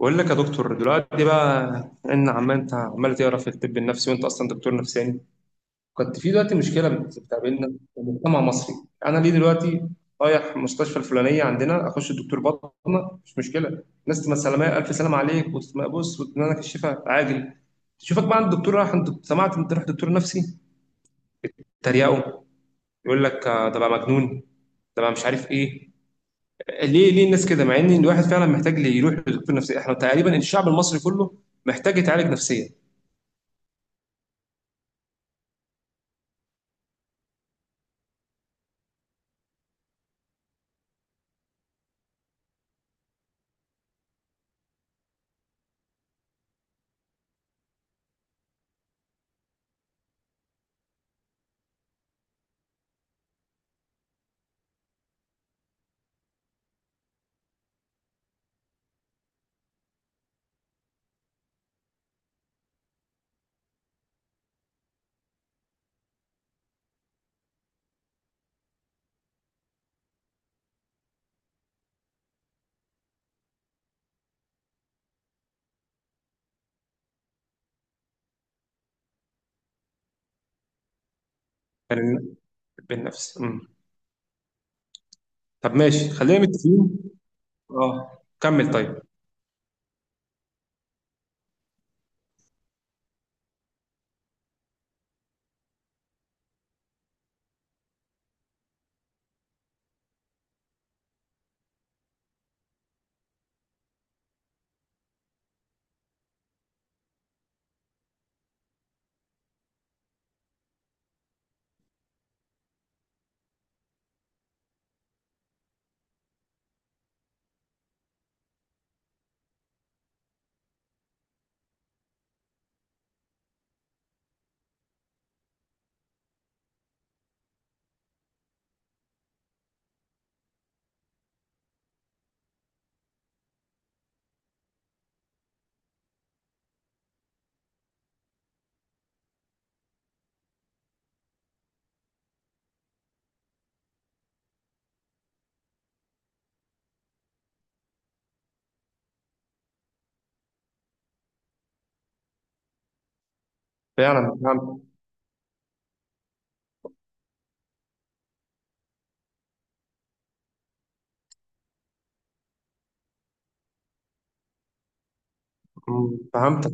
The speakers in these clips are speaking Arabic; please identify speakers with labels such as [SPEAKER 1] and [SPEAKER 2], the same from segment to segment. [SPEAKER 1] بقول لك يا دكتور، دلوقتي بقى ان عمال، انت عمال تقرا في الطب النفسي وانت اصلا دكتور نفساني. كنت في دلوقتي مشكله بتقابلنا في المجتمع المصري. انا ليه دلوقتي رايح المستشفى الفلانيه عندنا اخش الدكتور بطنه مش مشكله، الناس تبقى سلامه، الف سلام عليك، وتبص وتنالك الشفاء عاجل. تشوفك بقى عند الدكتور، راح عند، سمعت انت رحت دكتور نفسي، تريقه، يقول لك ده بقى مجنون، ده بقى مش عارف ايه. ليه الناس كده، مع ان الواحد فعلا محتاج يروح لدكتور نفسي؟ احنا تقريبا الشعب المصري كله محتاج يتعالج نفسيا. كان بالنفس. مم. طب ماشي، خلينا متفقين. اه، كمل طيب. فعلا فهمت. مم. فهمتك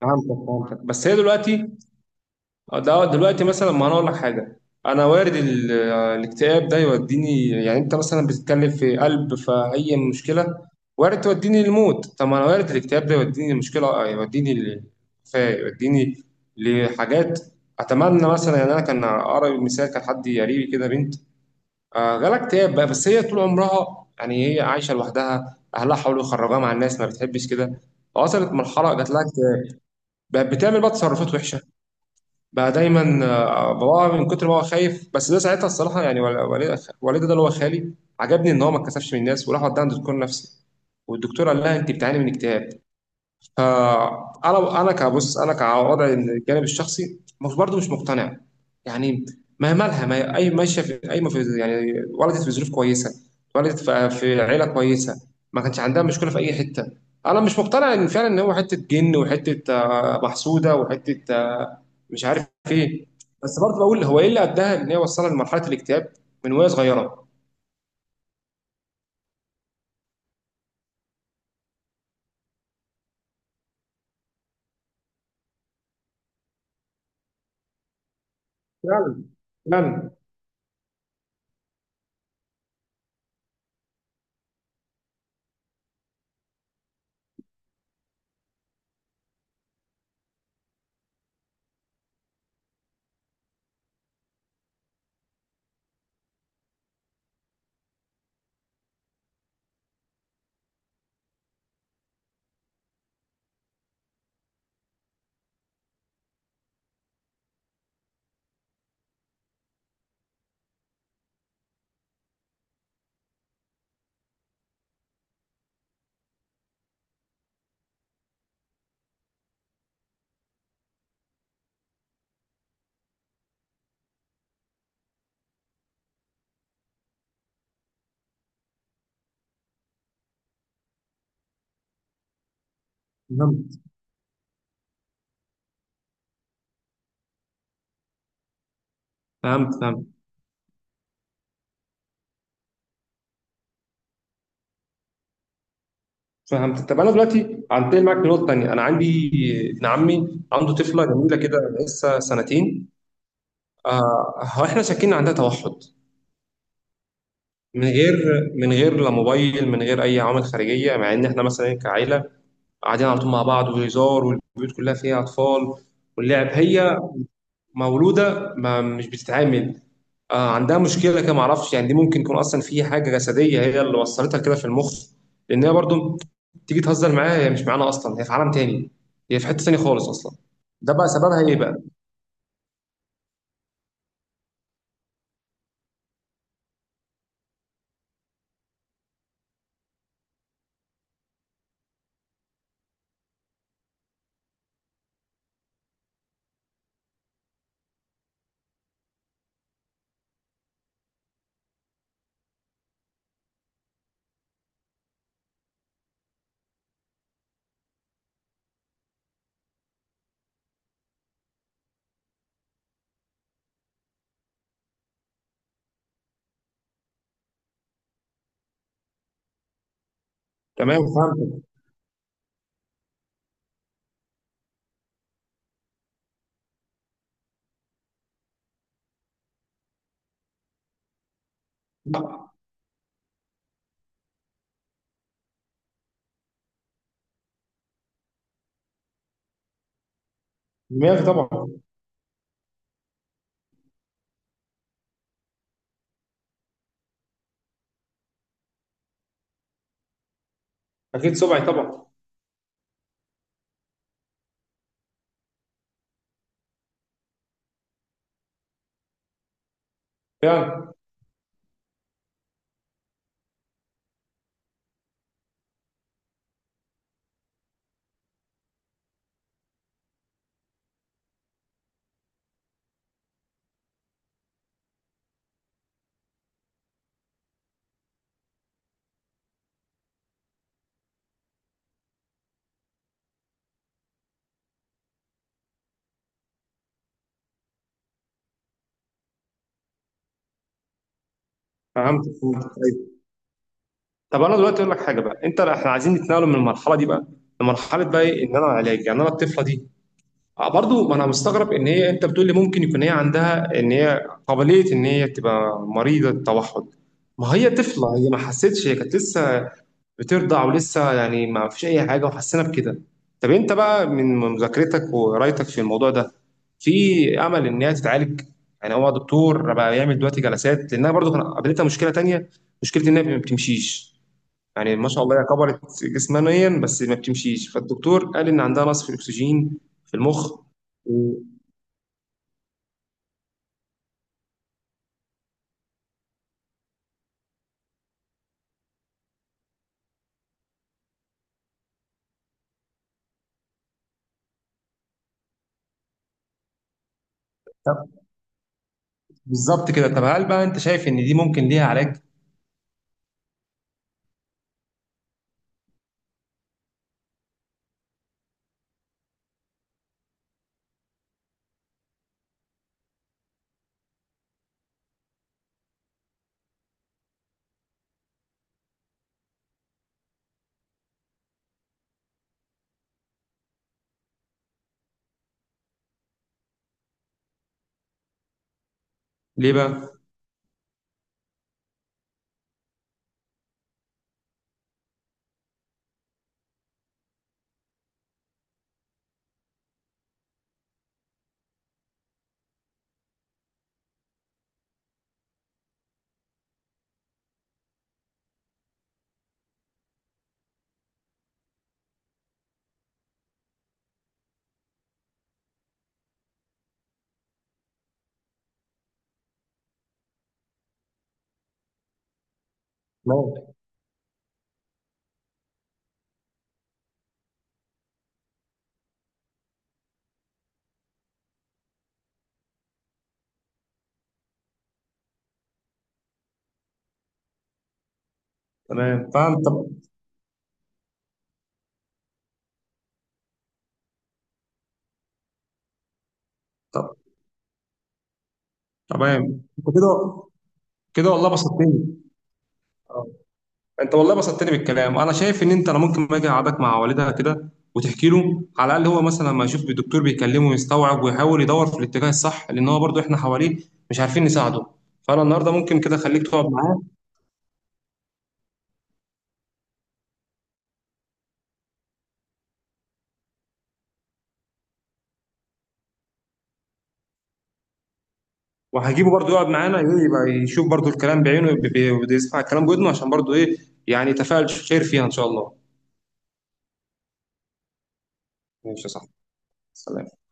[SPEAKER 1] فهمتك فهمتك، بس هي دلوقتي ده دلوقتي مثلا، ما انا اقول لك حاجه، انا وارد الاكتئاب ده يوديني. يعني انت مثلا بتتكلم في قلب، فاي مشكله وارد توديني الموت، طب ما انا وارد الاكتئاب ده يوديني المشكله، يوديني للوفاه، يوديني لحاجات اتمنى مثلا، يعني انا كان اقرب مثال، كان حد قريبي كده بنت جالها اكتئاب بقى. بس هي طول عمرها يعني هي عايشه لوحدها، اهلها حاولوا يخرجوها مع الناس ما بتحبش كده. وصلت مرحله، جات لها اكتئاب، بقت بتعمل بقى تصرفات وحشه. بقى دايما باباها من كتر ما هو خايف. بس ده ساعتها الصراحه، يعني والدي ده اللي هو خالي، عجبني ان هو ما اتكسفش من الناس وراح وداها عند دكتور نفسي، والدكتور قال لها انت بتعاني من اكتئاب. فانا كبص، انا كوضعي الجانب الشخصي، مش برضه مش مقتنع يعني. ما مالها، ما هي- اي ماشيه في اي، ما في يعني، ولدت في ظروف كويسه، ولدت في عيله كويسه، ما كانش عندها مشكله في اي حته. انا مش مقتنع ان فعلا ان هو حته جن، وحته محسوده، وحته مش عارف ايه. بس برضه بقول هو ايه اللي اداها، ان هي وصلها لمرحله الاكتئاب من وهي صغيره؟ فعلا فعلا. فهمت فهمت فهمت. طب انا دلوقتي هنتقل معاك لنقطه تانيه. انا عندي ابن عمي عنده طفله جميله كده لسه سنتين، آه، هو احنا شاكين عندها توحد. من غير من غير لا موبايل، من غير اي عوامل خارجيه، مع ان احنا مثلا كعائله قاعدين على طول مع بعض وهزار، والبيوت كلها فيها اطفال واللعب. هي مولوده ما مش بتتعامل، آه عندها مشكله كده ما اعرفش. يعني دي ممكن يكون اصلا في حاجه جسديه هي اللي وصلتها كده في المخ؟ لان هي برضو تيجي تهزر معاها هي مش معانا اصلا، هي في عالم تاني، هي في حته تانيه خالص اصلا. ده بقى سببها ايه بقى؟ تمام فهمت. دماغي طبعا. اكيد سبعي طبعا. فعلا. فهمت فهمت. أيوة. طب انا دلوقتي اقول لك حاجه بقى انت، احنا عايزين نتنقل من المرحله دي بقى لمرحله بقى ايه ان انا علاج، يعني انا الطفله دي برضو، ما انا مستغرب ان هي، انت بتقول لي ممكن يكون هي عندها، ان هي قابليه ان هي تبقى مريضه توحد. ما هي طفله، هي ما حستش، هي كانت لسه بترضع، ولسه يعني ما فيش اي حاجه، وحسينا بكده. طب انت بقى من مذاكرتك وقرايتك في الموضوع ده، في امل ان هي تتعالج؟ يعني هو دكتور بقى يعمل دلوقتي جلسات، لانها برضو كان قابلتها مشكله تانية، مشكله ان هي ما بتمشيش. يعني ما شاء الله هي كبرت جسمانيا بس ما بتمشيش، فالدكتور قال ان عندها نقص في الاكسجين في المخ و- طب بالظبط كده. طب هل بقى انت شايف ان دي ممكن ليها علاج؟ ليه بقى؟ تمام. تمام فاهم. طب. طب تمام، انت كده، كده والله بسطتني. آه. انت والله بسطتني بالكلام. انا شايف ان انت، انا ممكن ما اجي اقعدك مع والدها كده وتحكي له، على الاقل هو مثلا لما يشوف الدكتور بيكلمه ويستوعب ويحاول يدور في الاتجاه الصح، لان هو برضو احنا حواليه مش عارفين نساعده. فانا النهارده ممكن كده اخليك تقعد معاه، وهجيبه برضه يقعد معانا ايه، يبقى يشوف برضه الكلام بعينه، بيسمع الكلام بودنه عشان برضه ايه، يعني يتفاعل. خير فيها ان شاء الله. ماشي يا صاحبي. سلام.